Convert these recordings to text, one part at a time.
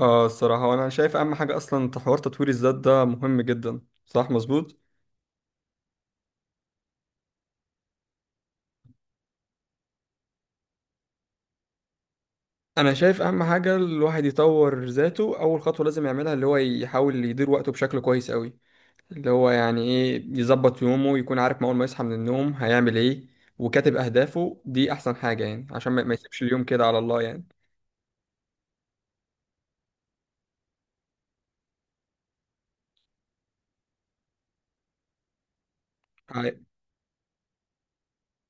اه الصراحة وانا شايف اهم حاجة اصلا حوار تطوير الذات ده مهم جدا. صح مظبوط. انا شايف اهم حاجة الواحد يطور ذاته، اول خطوة لازم يعملها اللي هو يحاول يدير وقته بشكل كويس قوي. اللي هو يعني ايه يظبط يومه، يكون عارف ما اول ما يصحى من النوم هيعمل ايه، وكاتب اهدافه. دي احسن حاجة يعني عشان ما يسيبش اليوم كده على الله يعني.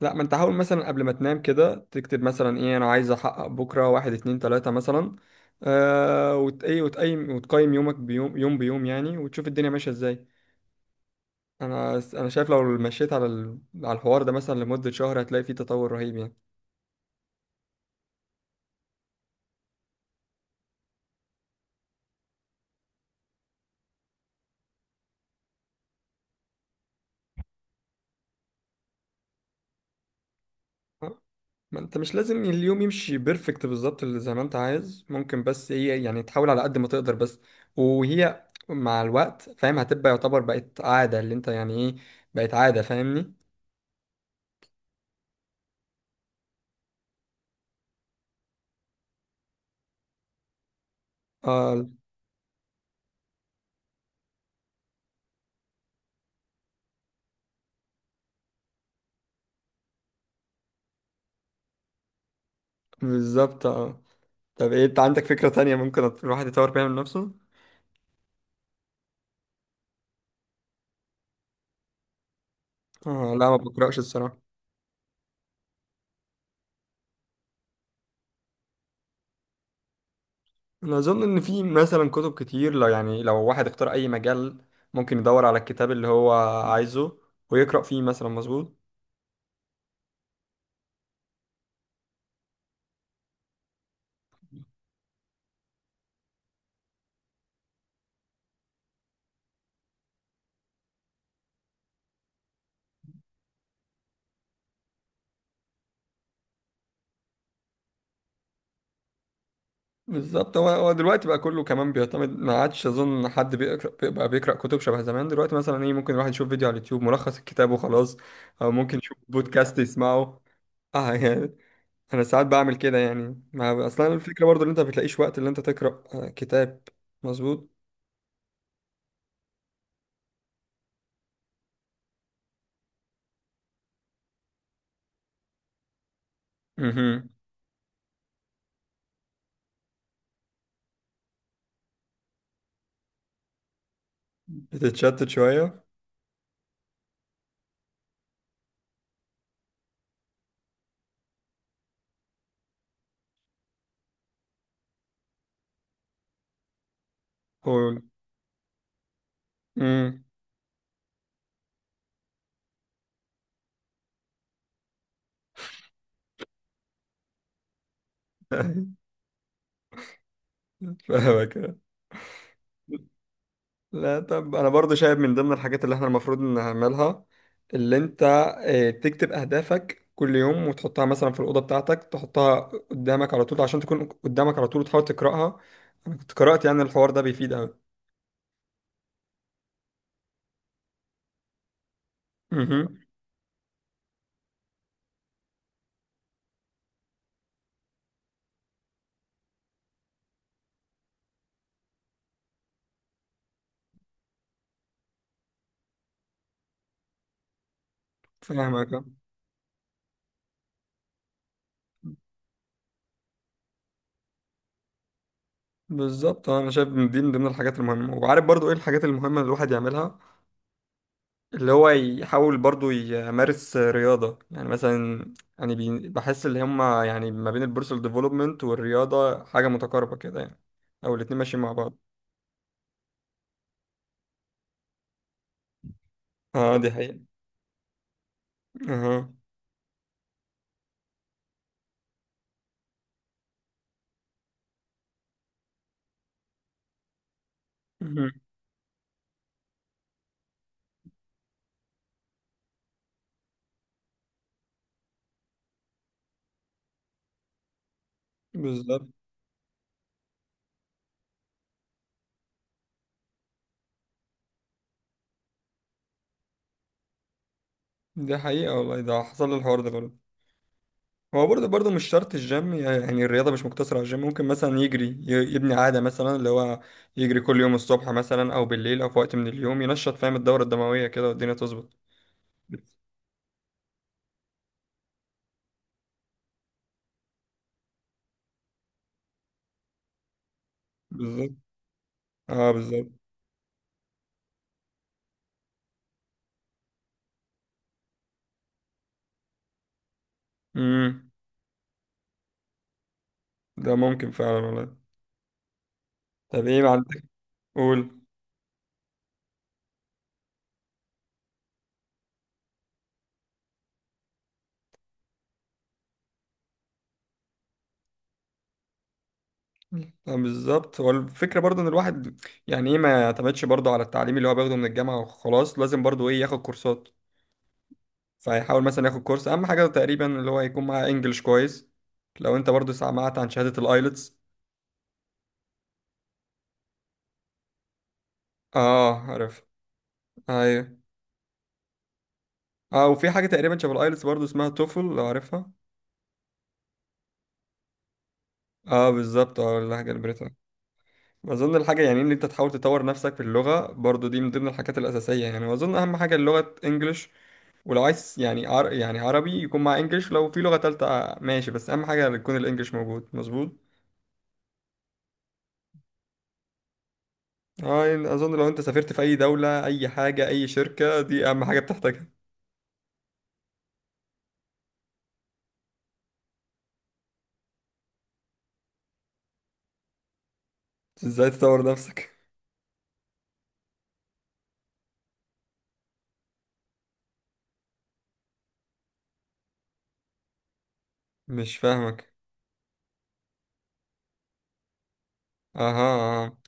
لا ما انت حاول مثلا قبل ما تنام كده تكتب مثلا ايه انا عايز احقق بكره، واحد اتنين تلاته مثلا. آه وت ايه وتقيم وتقيم يومك يوم بيوم يعني، وتشوف الدنيا ماشيه ازاي. انا شايف لو مشيت على الحوار ده مثلا لمده شهر هتلاقي فيه تطور رهيب يعني. آه، ما انت مش لازم اليوم يمشي بيرفكت بالظبط اللي زي ما انت عايز، ممكن بس ايه يعني تحاول على قد ما تقدر بس. وهي مع الوقت فاهم هتبقى يعتبر بقت عاده اللي انت يعني ايه، بقت عاده، فاهمني. اه بالظبط اه. طب ايه انت عندك فكرة تانية ممكن الواحد يطور بيها من نفسه؟ لا ما بقرأش الصراحة. انا اظن ان في مثلا كتب كتير لو يعني لو واحد اختار اي مجال، ممكن يدور على الكتاب اللي هو عايزه ويقرأ فيه مثلا. مظبوط بالظبط. هو دلوقتي بقى كله كمان بيعتمد، ما عادش اظن حد بيقرأ بقى، بيقرأ كتب شبه زمان. دلوقتي مثلا ايه ممكن الواحد يشوف فيديو على اليوتيوب ملخص الكتاب وخلاص، او ممكن يشوف بودكاست يسمعه. اه يعني انا ساعات بعمل كده يعني. ما اصلا الفكرة برضو ان انت ما بتلاقيش وقت اللي انت تقرأ كتاب. مظبوط. مهم. بتتشتت شوية. قول. مم. فاهمك. لا طب انا برضو شايف من ضمن الحاجات اللي احنا المفروض نعملها، اللي انت تكتب اهدافك كل يوم وتحطها مثلا في الاوضه بتاعتك، تحطها قدامك على طول عشان تكون قدامك على طول وتحاول تقراها. انا كنت قرات يعني الحوار ده بيفيد قوي. امم. فاهمك آه. بالظبط. انا شايف ان دي من ضمن الحاجات المهمه، وعارف برضو ايه الحاجات المهمه اللي الواحد يعملها؟ اللي هو يحاول برضو يمارس رياضة يعني. مثلا يعني بحس اللي هما يعني ما بين البيرسونال ديفلوبمنت والرياضة حاجة متقاربة كده يعني، أو الاتنين ماشيين مع بعض. اه دي حقيقة. اها. مهم. بالظبط. دي حقيقة والله، ده حصل لي الحوار ده برضه. هو برضه مش شرط الجيم، يعني الرياضة مش مقتصرة على الجيم، ممكن مثلا يجري، يبني عادة مثلا اللي هو يجري كل يوم الصبح مثلا أو بالليل أو في وقت من اليوم، ينشط فاهم الدورة الدموية كده والدنيا تظبط. بالظبط اه بالظبط. امم. ده ممكن فعلا والله. طب ايه ما عندك؟ قول. بالظبط. هو الفكرة برضه ان الواحد يعني ايه ما يعتمدش برضه على التعليم اللي هو بياخده من الجامعة وخلاص، لازم برضه ايه ياخد كورسات. فيحاول مثلا ياخد كورس، اهم حاجة تقريبا اللي هو يكون معاه انجلش كويس. لو انت برضه سمعت عن شهادة الايلتس. اه عارف. ايوه. اه وفي حاجة تقريبا شبه الايلتس برضه اسمها توفل لو عارفها. اه بالظبط، اه اللهجة البريطانية. واظن الحاجة يعني ان انت تحاول تطور نفسك في اللغة برضه دي من ضمن الحاجات الأساسية يعني، واظن اهم حاجة اللغة انجلش. ولو عايز يعني يعني عربي يكون مع انجليش، لو في لغة تالتة ماشي، بس اهم حاجة يكون الانجليش موجود. مظبوط. اه يعني اظن لو انت سافرت في اي دولة اي حاجة اي شركة دي اهم حاجة بتحتاجها. ازاي تطور نفسك. مش فاهمك. اها. آه.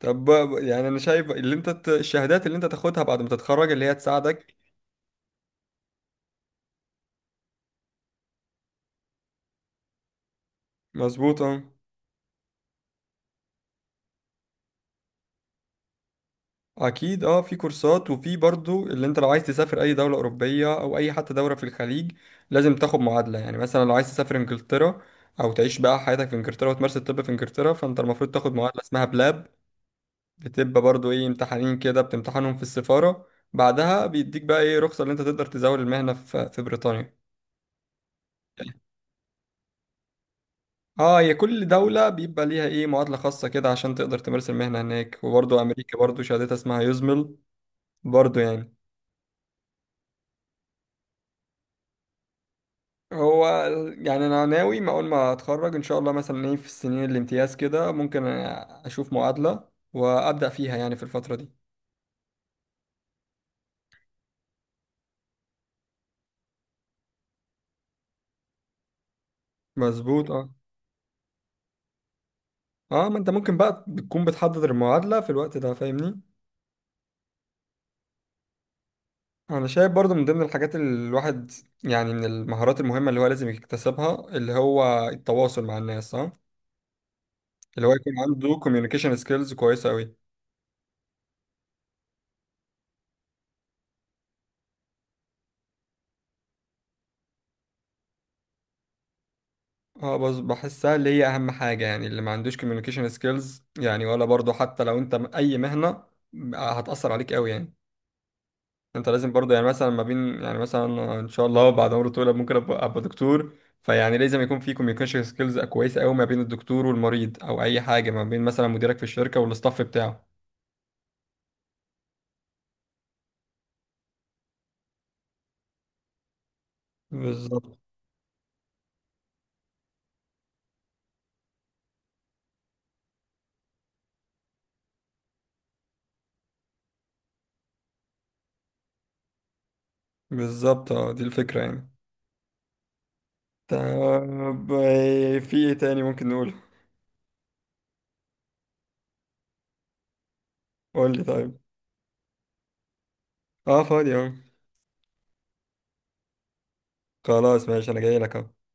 يعني انا شايف اللي انت الشهادات اللي انت تاخدها بعد ما تتخرج اللي هي تساعدك. مظبوط اه. اكيد اه في كورسات، وفي برضو اللي انت لو عايز تسافر اي دولة اوروبية او اي حتى دولة في الخليج لازم تاخد معادلة. يعني مثلا لو عايز تسافر انجلترا او تعيش بقى حياتك في انجلترا وتمارس الطب في انجلترا، فانت المفروض تاخد معادلة اسمها بلاب. بتبقى برضو ايه امتحانين كده بتمتحنهم في السفارة، بعدها بيديك بقى ايه رخصة اللي انت تقدر تزاول المهنة في بريطانيا. اه هي كل دولة بيبقى ليها ايه معادلة خاصة كده عشان تقدر تمارس المهنة هناك. وبرضو امريكا برضو شهادتها اسمها يوزمل برضو يعني. يعني انا ناوي ما اول ما اتخرج ان شاء الله مثلا ايه في السنين الامتياز كده ممكن اشوف معادلة وابدا فيها يعني في الفترة دي. مظبوط اه. اه ما انت ممكن بقى بتكون بتحضر المعادلة في الوقت ده فاهمني. انا شايف برضو من ضمن الحاجات اللي الواحد يعني من المهارات المهمة اللي هو لازم يكتسبها اللي هو التواصل مع الناس اه، اللي هو يكون عنده communication skills كويسة قوي. اه بس بحسها اللي هي اهم حاجة يعني، اللي ما عندوش communication skills يعني، ولا برضو حتى لو انت اي مهنة هتأثر عليك قوي يعني. انت لازم برضو يعني مثلا ما بين يعني مثلا ان شاء الله بعد عمر طويل ممكن أبقى دكتور، فيعني لازم يكون في communication skills كويسة قوي ما بين الدكتور والمريض، او اي حاجة ما بين مثلا مديرك في الشركة والاستاف بتاعه. بالظبط بالظبط اه دي الفكرة يعني. طب في ايه تاني ممكن نقوله؟ قول لي طيب. اه فاضي اه. خلاص ماشي انا جاي لك اهو.